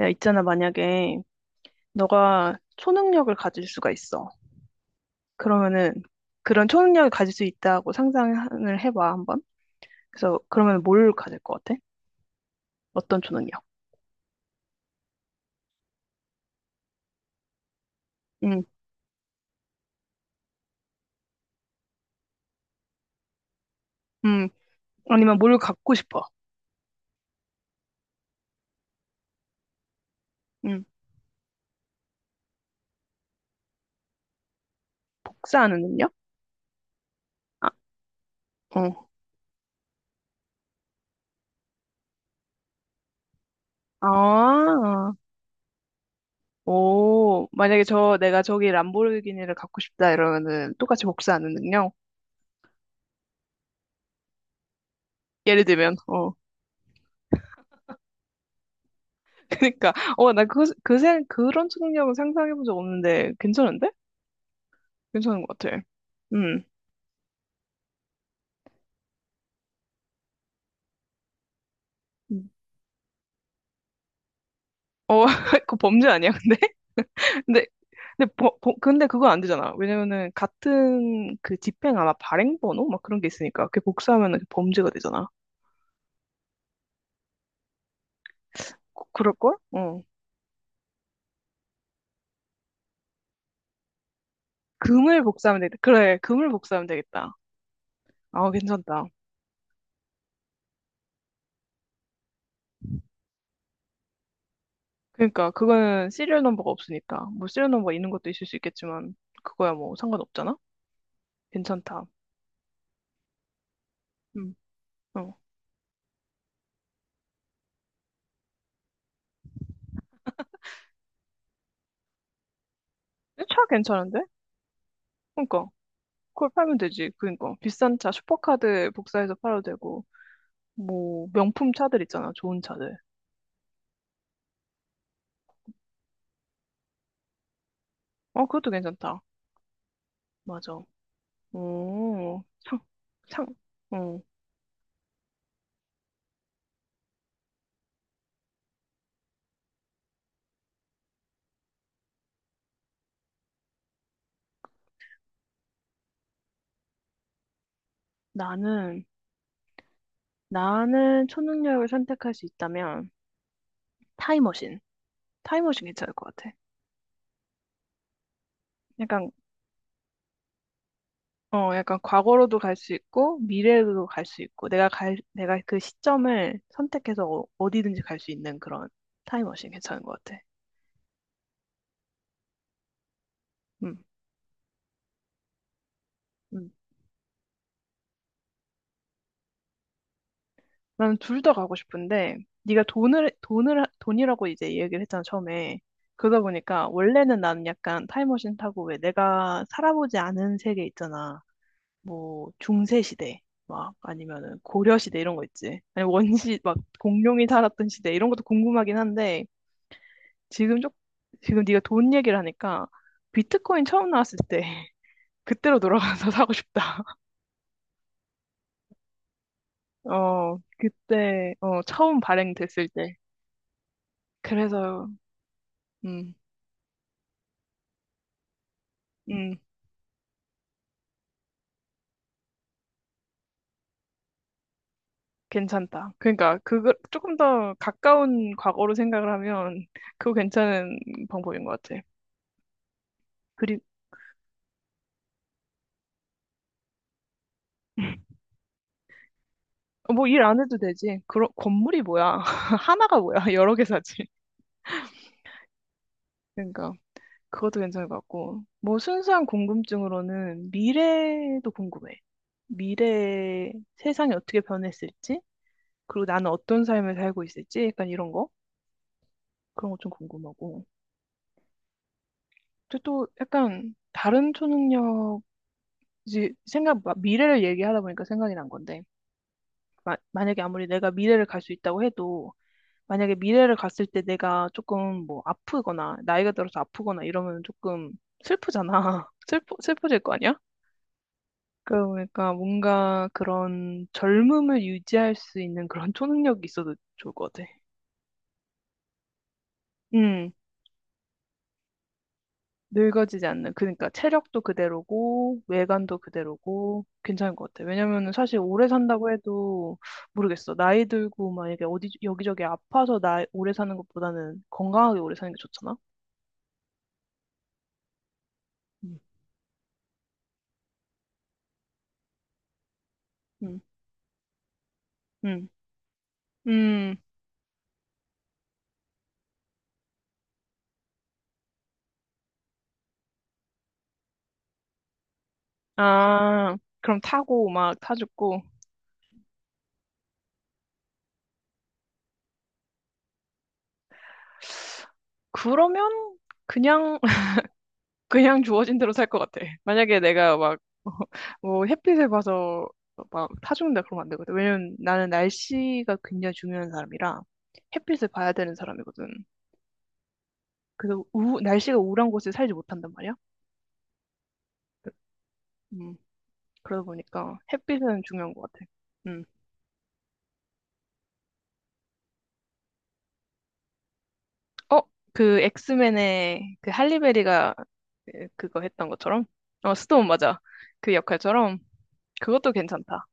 야, 있잖아, 만약에 너가 초능력을 가질 수가 있어. 그러면은 그런 초능력을 가질 수 있다고 상상을 해봐, 한번. 그래서 그러면 뭘 가질 것 같아? 어떤 초능력? 음, 음, 아니면 뭘 갖고 싶어? 음, 복사하는 능력? 아, 어. 아, 어. 오, 만약에 저, 내가 저기 람보르기니를 갖고 싶다 이러면은 똑같이 복사하는 능력? 예를 들면, 어. 그니까, 어, 나 그런 초능력은 상상해본 적 없는데 괜찮은데? 괜찮은 것 같아. 음. 음. 어, 그거 범죄 아니야, 근데? 근데, 근데 그건 안 되잖아. 왜냐면은, 같은 그 집행 아마 발행번호? 막 그런 게 있으니까. 그게 복사하면 범죄가 되잖아. 그럴걸? 어. 금을 복사하면 되겠다. 그래, 금을 복사하면 되겠다. 아, 괜찮다. 그러니까, 그거는 시리얼 넘버가 없으니까. 뭐, 시리얼 넘버 있는 것도 있을 수 있겠지만, 그거야 뭐, 상관없잖아? 괜찮다. 음, 어. 근데 차 괜찮은데? 그러니까. 그걸 팔면 되지. 그러니까. 비싼 차 슈퍼카드 복사해서 팔아도 되고. 뭐 명품 차들 있잖아, 좋은 차들. 어, 그것도 괜찮다. 맞아. 오, 상, 상, 어. 나는, 나는 초능력을 선택할 수 있다면 타임머신. 타임머신 괜찮을 것 같아. 약간, 어, 약간 과거로도 갈 수 있고, 미래로도 갈 수 있고, 내가 그 시점을 선택해서 어디든지 갈 수 있는 그런 타임머신 괜찮은 것 같아. 음. 음. 나는 둘 다 가고 싶은데 네가 돈을 돈을 돈이라고 이제 얘기를 했잖아 처음에. 그러다 보니까 원래는 나는 약간 타임머신 타고 왜 내가 살아보지 않은 세계 있잖아. 뭐 중세 시대 막 아니면은 고려 시대 이런 거 있지. 아니 원시 막 공룡이 살았던 시대 이런 것도 궁금하긴 한데 지금 쪽 지금 네가 돈 얘기를 하니까 비트코인 처음 나왔을 때 그때로 돌아가서 사고 싶다. 어 그때 어 처음 발행됐을 때. 그래서 음. 음. 괜찮다. 그러니까 그거 조금 더 가까운 과거로 생각을 하면 그거 괜찮은 방법인 것 같아. 그리 어, 뭐일 안 해도 되지. 그런 건물이 뭐야? 하나가 뭐야? 여러 개 사지. 그러니까 그것도 괜찮을 것 같고. 뭐 순수한 궁금증으로는 미래도 궁금해. 미래 세상이 어떻게 변했을지, 그리고 나는 어떤 삶을 살고 있을지, 약간 이런 거 그런 거 좀 궁금하고. 근데 또 약간 다른 초능력 이제 생각, 막 미래를 얘기하다 보니까 생각이 난 건데, 만약에 아무리 내가 미래를 갈 수 있다고 해도, 만약에 미래를 갔을 때 내가 조금 뭐 아프거나, 나이가 들어서 아프거나 이러면 조금 슬프잖아. 슬퍼질 거 아니야? 그러니까 뭔가 그런 젊음을 유지할 수 있는 그런 초능력이 있어도 좋을 것 같아. 음. 늙어지지 않는, 그러니까 체력도 그대로고, 외관도 그대로고, 괜찮은 것 같아 왜냐면은 사실 오래 산다고 해도 모르겠어. 나이 들고 막 이게 어디, 여기저기 아파서 나 오래 사는 것보다는 건강하게 오래 사는 게 좋잖아? 음. 음, 음, 음. 아, 그럼 타고 막 타죽고. 그러면 그냥 그냥 주어진 대로 살 것 같아. 만약에 내가 막, 뭐, 햇빛을 봐서 막 타죽는다 그러면 안 되거든. 왜냐면 나는 날씨가 굉장히 중요한 사람이라 햇빛을 봐야 되는 사람이거든. 그래서 우, 날씨가 우울한 곳에 살지 못한단 말이야. 음, 그러다 보니까 햇빛은 중요한 것 같아. 음. 어, 그 엑스맨의 그 할리베리가 그거 했던 것처럼? 어, 스톤 맞아. 그 역할처럼. 그것도 괜찮다.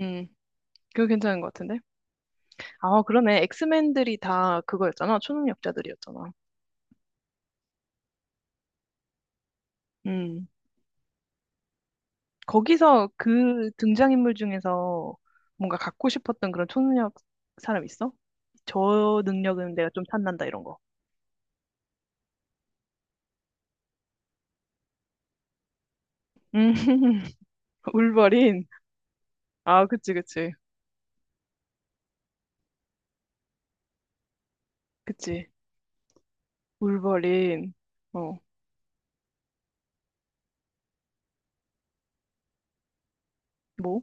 음, 그거 괜찮은 것 같은데? 아, 그러네. 엑스맨들이 다 그거였잖아. 초능력자들이었잖아. 음. 거기서 그 등장인물 중에서 뭔가 갖고 싶었던 그런 초능력 사람 있어? 저 능력은 내가 좀 탐난다 이런 거. 음. 울버린. 아, 그치, 그치. 그치. 울버린. 어, 뭐?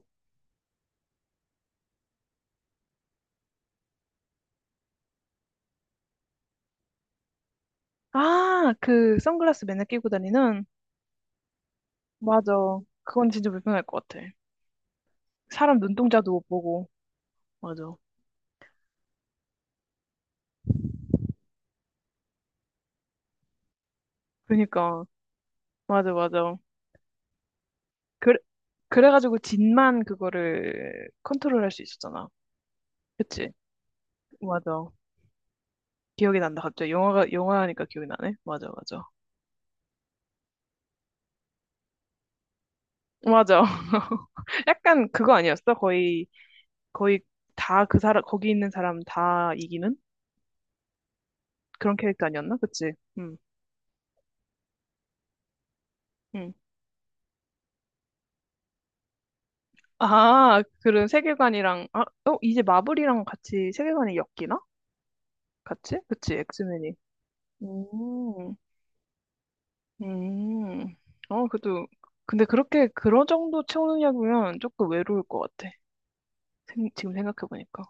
아, 그 선글라스 맨날 끼고 다니는? 맞아. 그건 진짜 불편할 것 같아. 사람 눈동자도 못 보고. 맞아. 그니까. 맞아, 맞아. 그래, 그래가지고 진만 그거를 컨트롤할 수 있었잖아. 그치? 맞아. 기억이 난다. 갑자기 영화가 영화니까 기억이 나네. 맞아, 맞아. 맞아. 약간 그거 아니었어? 거의 다 그 사람 거기 있는 사람 다 이기는 그런 캐릭터 아니었나? 그치? 응, 응. 아, 그런 세계관이랑 아, 어 이제 마블이랑 같이 세계관이 엮이나? 같이? 그치? 엑스맨이. 음. 음. 어, 그래도, 근데 그렇게, 그런 정도 채우느냐면 조금 외로울 것 같아. 지금 생각해보니까.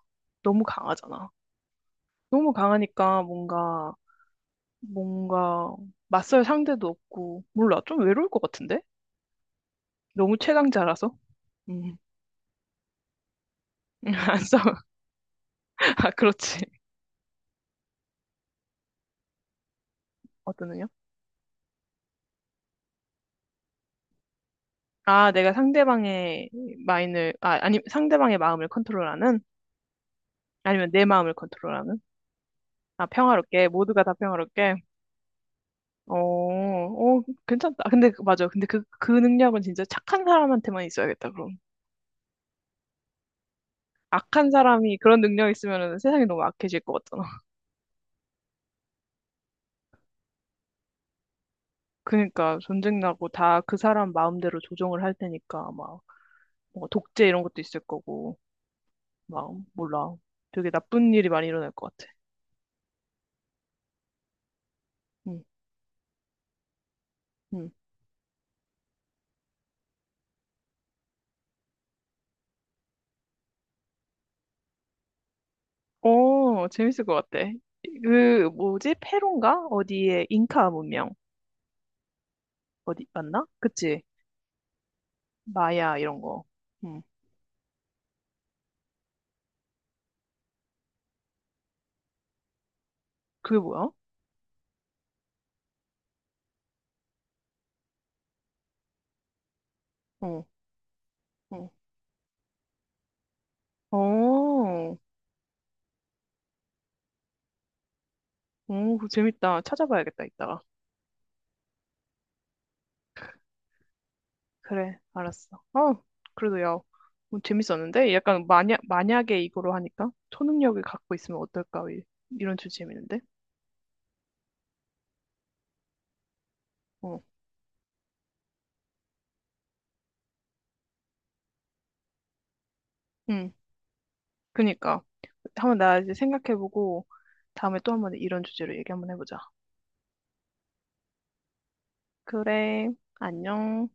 너무 강하잖아. 너무 강하니까 뭔가, 맞설 상대도 없고, 몰라. 좀 외로울 것 같은데? 너무 최강자라서? 음. 안 싸워. 아, 그렇지. 어떤 의요? 아, 내가 상대방의 마인을, 아, 아니, 상대방의 마음을 컨트롤하는? 아니면 내 마음을 컨트롤하는? 아, 평화롭게, 모두가 다 평화롭게. 어, 어, 괜찮다. 근데, 맞아. 근데 그, 그 능력은 진짜 착한 사람한테만 있어야겠다, 그럼. 악한 사람이 그런 능력 있으면은 세상이 너무 악해질 것 같잖아. 그러니까 전쟁 나고 다 그 사람 마음대로 조정을 할 테니까 막 뭔가 독재 이런 것도 있을 거고 막 몰라. 되게 나쁜 일이 많이 일어날 것 같아. 응, 응. 어, 재밌을 것 같아. 그 뭐지? 페룬가? 어디에 잉카 문명 어디 맞나? 그치? 마야 이런 거. 응. 그게 뭐야? 어. 어. 오, 오, 그거 재밌다. 찾아봐야겠다, 이따가. 그래, 알았어. 어, 그래도 야, 뭐 재밌었는데? 약간 만약, 만약에 이거로 하니까 초능력을 갖고 있으면 어떨까? 이런 주제 재밌는데? 어, 응, 그니까. 한번 나 이제 생각해보고 다음에 또 한번 이런 주제로 얘기 한번 해보자. 그래, 안녕.